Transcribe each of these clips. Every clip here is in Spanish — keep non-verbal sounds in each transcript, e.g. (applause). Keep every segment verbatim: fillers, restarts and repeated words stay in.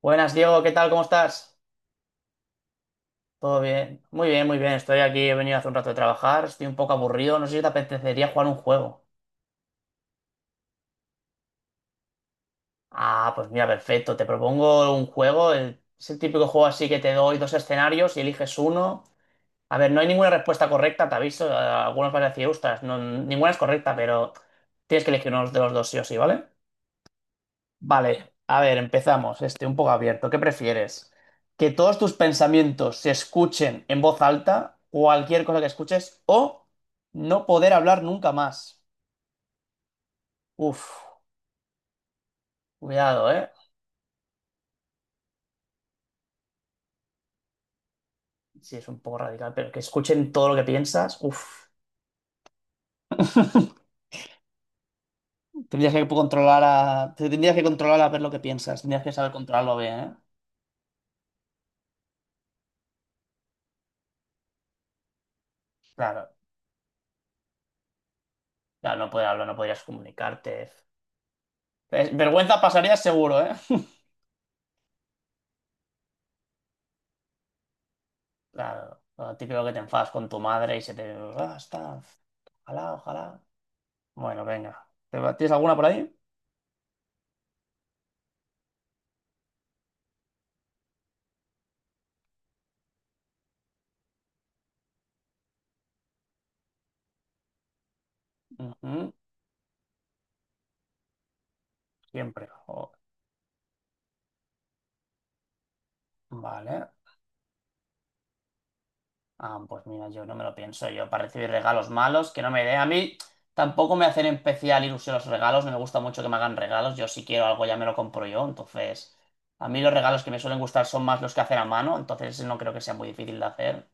Buenas, Diego, ¿qué tal? ¿Cómo estás? Todo bien. Muy bien, muy bien. Estoy aquí, he venido hace un rato de trabajar, estoy un poco aburrido, no sé si te apetecería jugar un juego. Ah, pues mira, perfecto. Te propongo un juego, el- es el típico juego así que te doy dos escenarios y eliges uno. A ver, no hay ninguna respuesta correcta, te aviso. eh, Algunos van a decir, ostras, no, ninguna es correcta, pero tienes que elegir uno de los dos sí o sí, ¿vale? Vale, a ver, empezamos. Este un poco abierto. ¿Qué prefieres? ¿Que todos tus pensamientos se escuchen en voz alta, cualquier cosa que escuches, o no poder hablar nunca más? Uf, cuidado, ¿eh? Sí, es un poco radical, pero que escuchen todo lo que piensas, uf. (laughs) Tendrías que controlar a... te Tendrías que controlar a ver lo que piensas. Tendrías que saber controlarlo bien, ¿eh? Claro, claro, no poder hablar, no podrías comunicarte. Eh, Vergüenza pasarías seguro, ¿eh? Claro, lo típico que te enfadas con tu madre y se te... Ah, está. Ojalá, ojalá. Bueno, venga. ¿Te ¿Tienes alguna por ahí? Ujú. Siempre. Jo, vale. Ah, pues mira, yo no me lo pienso. Yo para recibir regalos malos, que no me dé. A mí tampoco me hacen especial ilusión los regalos. No me gusta mucho que me hagan regalos. Yo si quiero algo ya me lo compro yo. Entonces, a mí los regalos que me suelen gustar son más los que hacer a mano. Entonces no creo que sea muy difícil de hacer.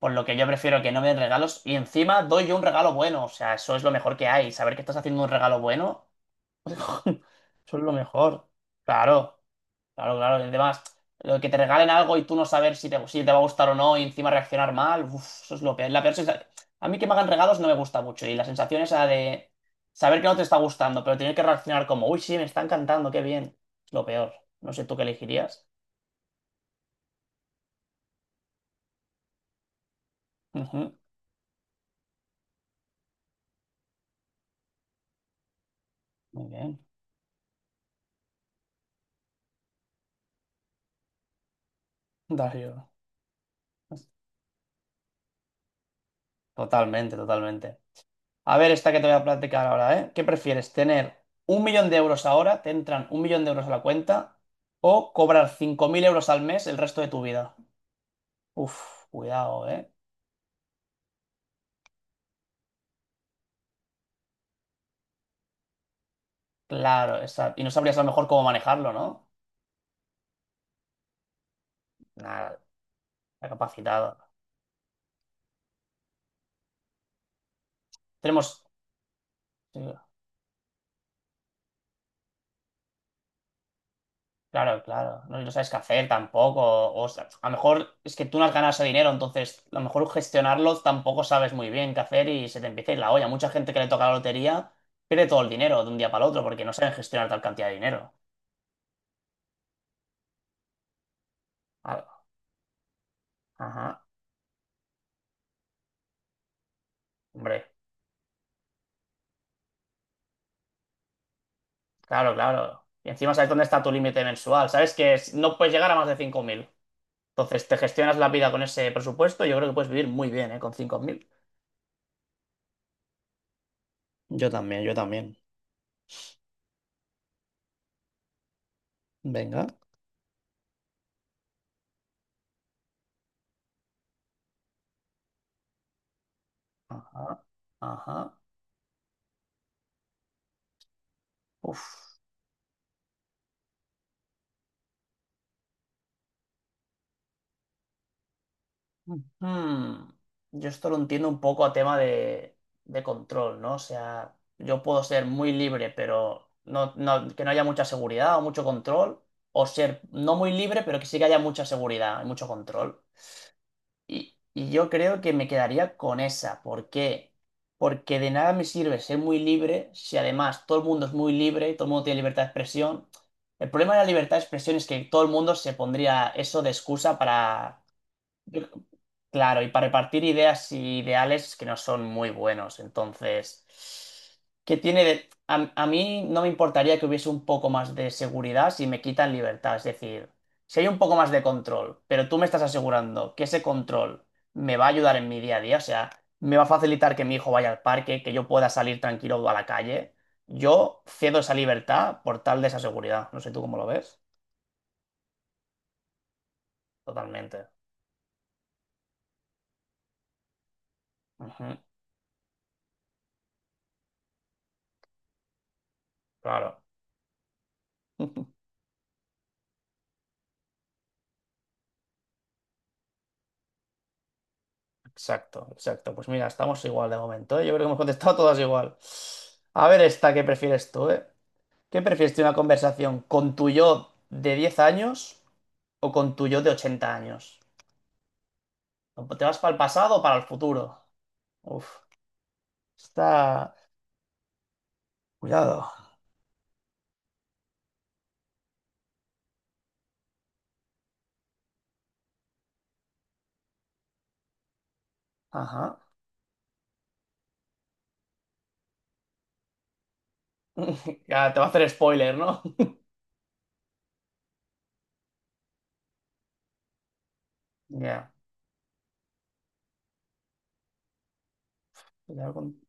Por lo que yo prefiero que no me den regalos y encima doy yo un regalo bueno. O sea, eso es lo mejor que hay. Saber que estás haciendo un regalo bueno, (laughs) eso es lo mejor. Claro, claro, claro. Y además, lo que te regalen algo y tú no saber si te, si te va a gustar o no y encima reaccionar mal, uf, eso es lo peor. La peor sensa- A mí que me hagan regalos no me gusta mucho y la sensación esa de saber que no te está gustando, pero tener que reaccionar como, uy, sí, me está encantando, qué bien. Es lo peor. No sé tú qué elegirías. Ujú. Muy bien. Darío. Totalmente, totalmente. A ver, esta que te voy a platicar ahora, ¿eh? ¿Qué prefieres? ¿Tener un millón de euros ahora, te entran un millón de euros a la cuenta, o cobrar cinco mil euros al mes el resto de tu vida? Uf, cuidado, ¿eh? Claro, esa- y no sabrías a lo mejor cómo manejarlo, ¿no? Nada, está capacitado. Tenemos. Claro, claro. No, y no sabes qué hacer tampoco. O sea, a lo mejor es que tú no has ganado ese dinero, entonces a lo mejor gestionarlo tampoco sabes muy bien qué hacer y se te empieza a ir la olla. Mucha gente que le toca la lotería pierde todo el dinero de un día para el otro porque no saben gestionar tal cantidad de dinero. Ah. Ajá, hombre. Claro, claro. Y encima sabes dónde está tu límite mensual. Sabes que es- no puedes llegar a más de cinco mil. Entonces te gestionas la vida con ese presupuesto. Yo creo que puedes vivir muy bien, ¿eh? Con cinco mil. Yo también, yo también. Venga. Ajá, ajá. Uf. Hmm, Yo esto lo entiendo un poco a tema de, de control, ¿no? O sea, yo puedo ser muy libre, pero no, no- que no haya mucha seguridad o mucho control, o ser no muy libre, pero que sí que haya mucha seguridad y mucho control. Y, y yo creo que me quedaría con esa. ¿Por qué? Porque de nada me sirve ser muy libre si además todo el mundo es muy libre, todo el mundo tiene libertad de expresión. El problema de la libertad de expresión es que todo el mundo se pondría eso de excusa para yo- claro, y para repartir ideas y ideales que no son muy buenos. Entonces, ¿qué tiene de...? A, a mí no me importaría que hubiese un poco más de seguridad si me quitan libertad. Es decir, si hay un poco más de control, pero tú me estás asegurando que ese control me va a ayudar en mi día a día, o sea, me va a facilitar que mi hijo vaya al parque, que yo pueda salir tranquilo a la calle, yo cedo esa libertad por tal de esa seguridad. No sé tú cómo lo ves. Totalmente. Ujú, claro. (laughs) Exacto, exacto. Pues mira, estamos igual de momento, ¿eh? Yo creo que hemos contestado todas igual. A ver esta, ¿qué prefieres tú, eh? ¿Qué prefieres tener una conversación con tu yo de diez años o con tu yo de ochenta años? ¿Te vas para el pasado o para el futuro? Uf, está... Cuidado. Ajá. (laughs) Ya, te va a hacer spoiler, ¿no? (laughs) Ya. cuidado con-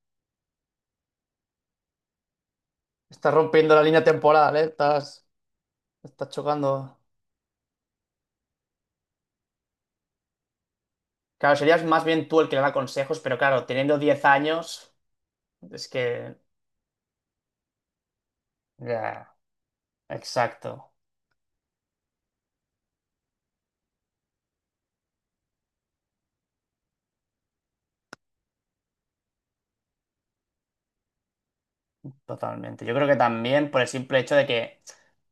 Estás rompiendo la línea temporal, ¿eh? Estás, estás chocando. Claro, serías más bien tú el que le da consejos, pero claro, teniendo diez años, es que... Ya. Exacto, totalmente. Yo creo que también por el simple hecho de que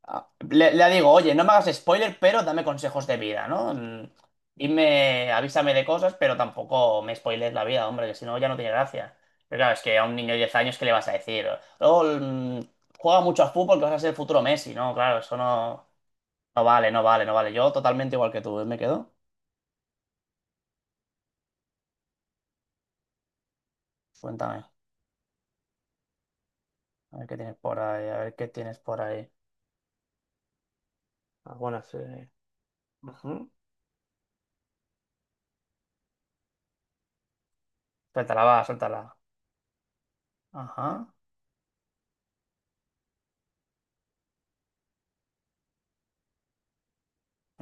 ah, le, le digo, oye, no me hagas spoiler, pero dame consejos de vida, ¿no? Mm, Dime, avísame de cosas, pero tampoco me spoiles la vida, hombre, que si no ya no tiene gracia. Pero claro, es que a un niño de diez años, ¿qué le vas a decir? Luego, mm, juega mucho al fútbol, que vas a ser el futuro Messi, ¿no? Claro, eso no, no vale, no vale, no vale. Yo totalmente igual que tú, ¿eh? ¿Me quedo? Cuéntame, a ver qué tienes por ahí, a ver qué tienes por ahí. Algunas, eh, Ujú. Suéltala, va, suéltala. Ajá.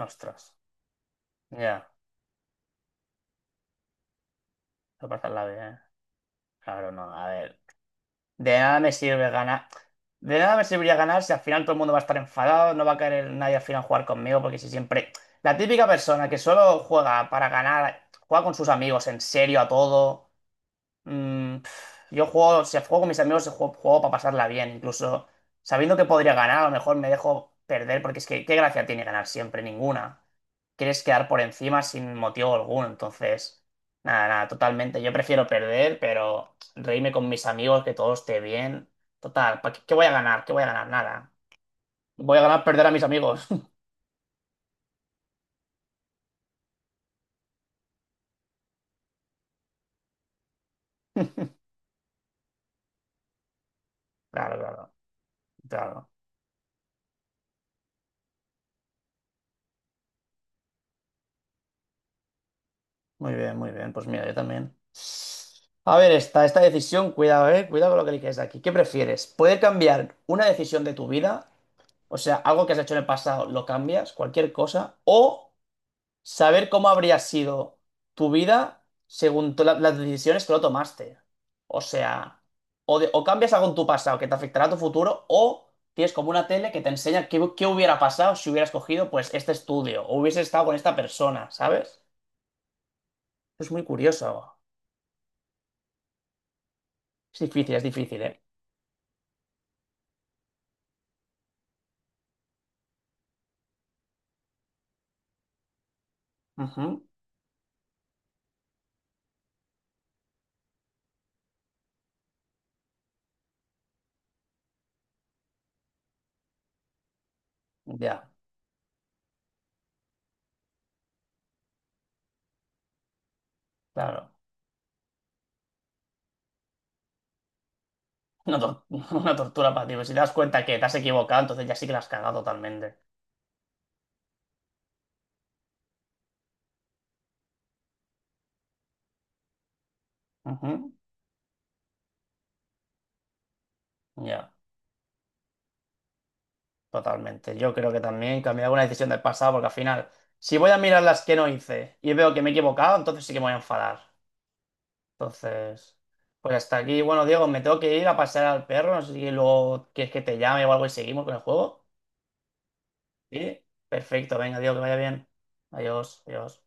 Ostras, ya, no pasar la vida, ¿eh? Claro, no, a ver. De nada me sirve ganar. De nada me serviría ganar si al final todo el mundo va a estar enfadado, no va a querer nadie al final jugar conmigo, porque si siempre. La típica persona que solo juega para ganar, juega con sus amigos en serio a todo. Mm, pf, yo juego, si juego con mis amigos, juego, juego para pasarla bien, incluso sabiendo que podría ganar, a lo mejor me dejo perder, porque es que, ¿qué gracia tiene ganar siempre? Ninguna. Quieres quedar por encima sin motivo alguno, entonces, nada, nada, totalmente. Yo prefiero perder, pero reírme con mis amigos, que todo esté bien. Total, ¿pa qué, qué voy a ganar? ¿Qué voy a ganar? Nada. Voy a ganar perder a mis amigos. (laughs) Claro, claro, claro. Muy bien, muy bien. Pues mira, yo también. A ver, esta, esta decisión, cuidado, eh. Cuidado con lo que eliges aquí. ¿Qué prefieres? ¿Poder cambiar una decisión de tu vida? O sea, algo que has hecho en el pasado, lo cambias, cualquier cosa. O saber cómo habría sido tu vida según to- la- las decisiones que lo tomaste. O sea, o, de- o cambias algo en tu pasado que te afectará a tu futuro, o tienes como una tele que te enseña qué, qué hubiera pasado si hubieras cogido pues este estudio o hubieses estado con esta persona, ¿sabes? Es muy curioso. Es difícil, es difícil, ¿eh? Ujú. Ya, claro. Una, tor- (laughs) una tortura para ti. Pero si te das cuenta que te has equivocado, entonces ya sí que la has cagado totalmente. Ujú. Ya, totalmente. Yo creo que también cambiar alguna decisión del pasado, porque al final, si voy a mirar las que no hice y veo que me he equivocado, entonces sí que me voy a enfadar. Entonces, pues hasta aquí. Bueno, Diego, me tengo que ir a pasear al perro. No sé si luego quieres que te llame o algo y seguimos con el juego. Sí, perfecto. Venga, Diego, que vaya bien. Adiós, adiós.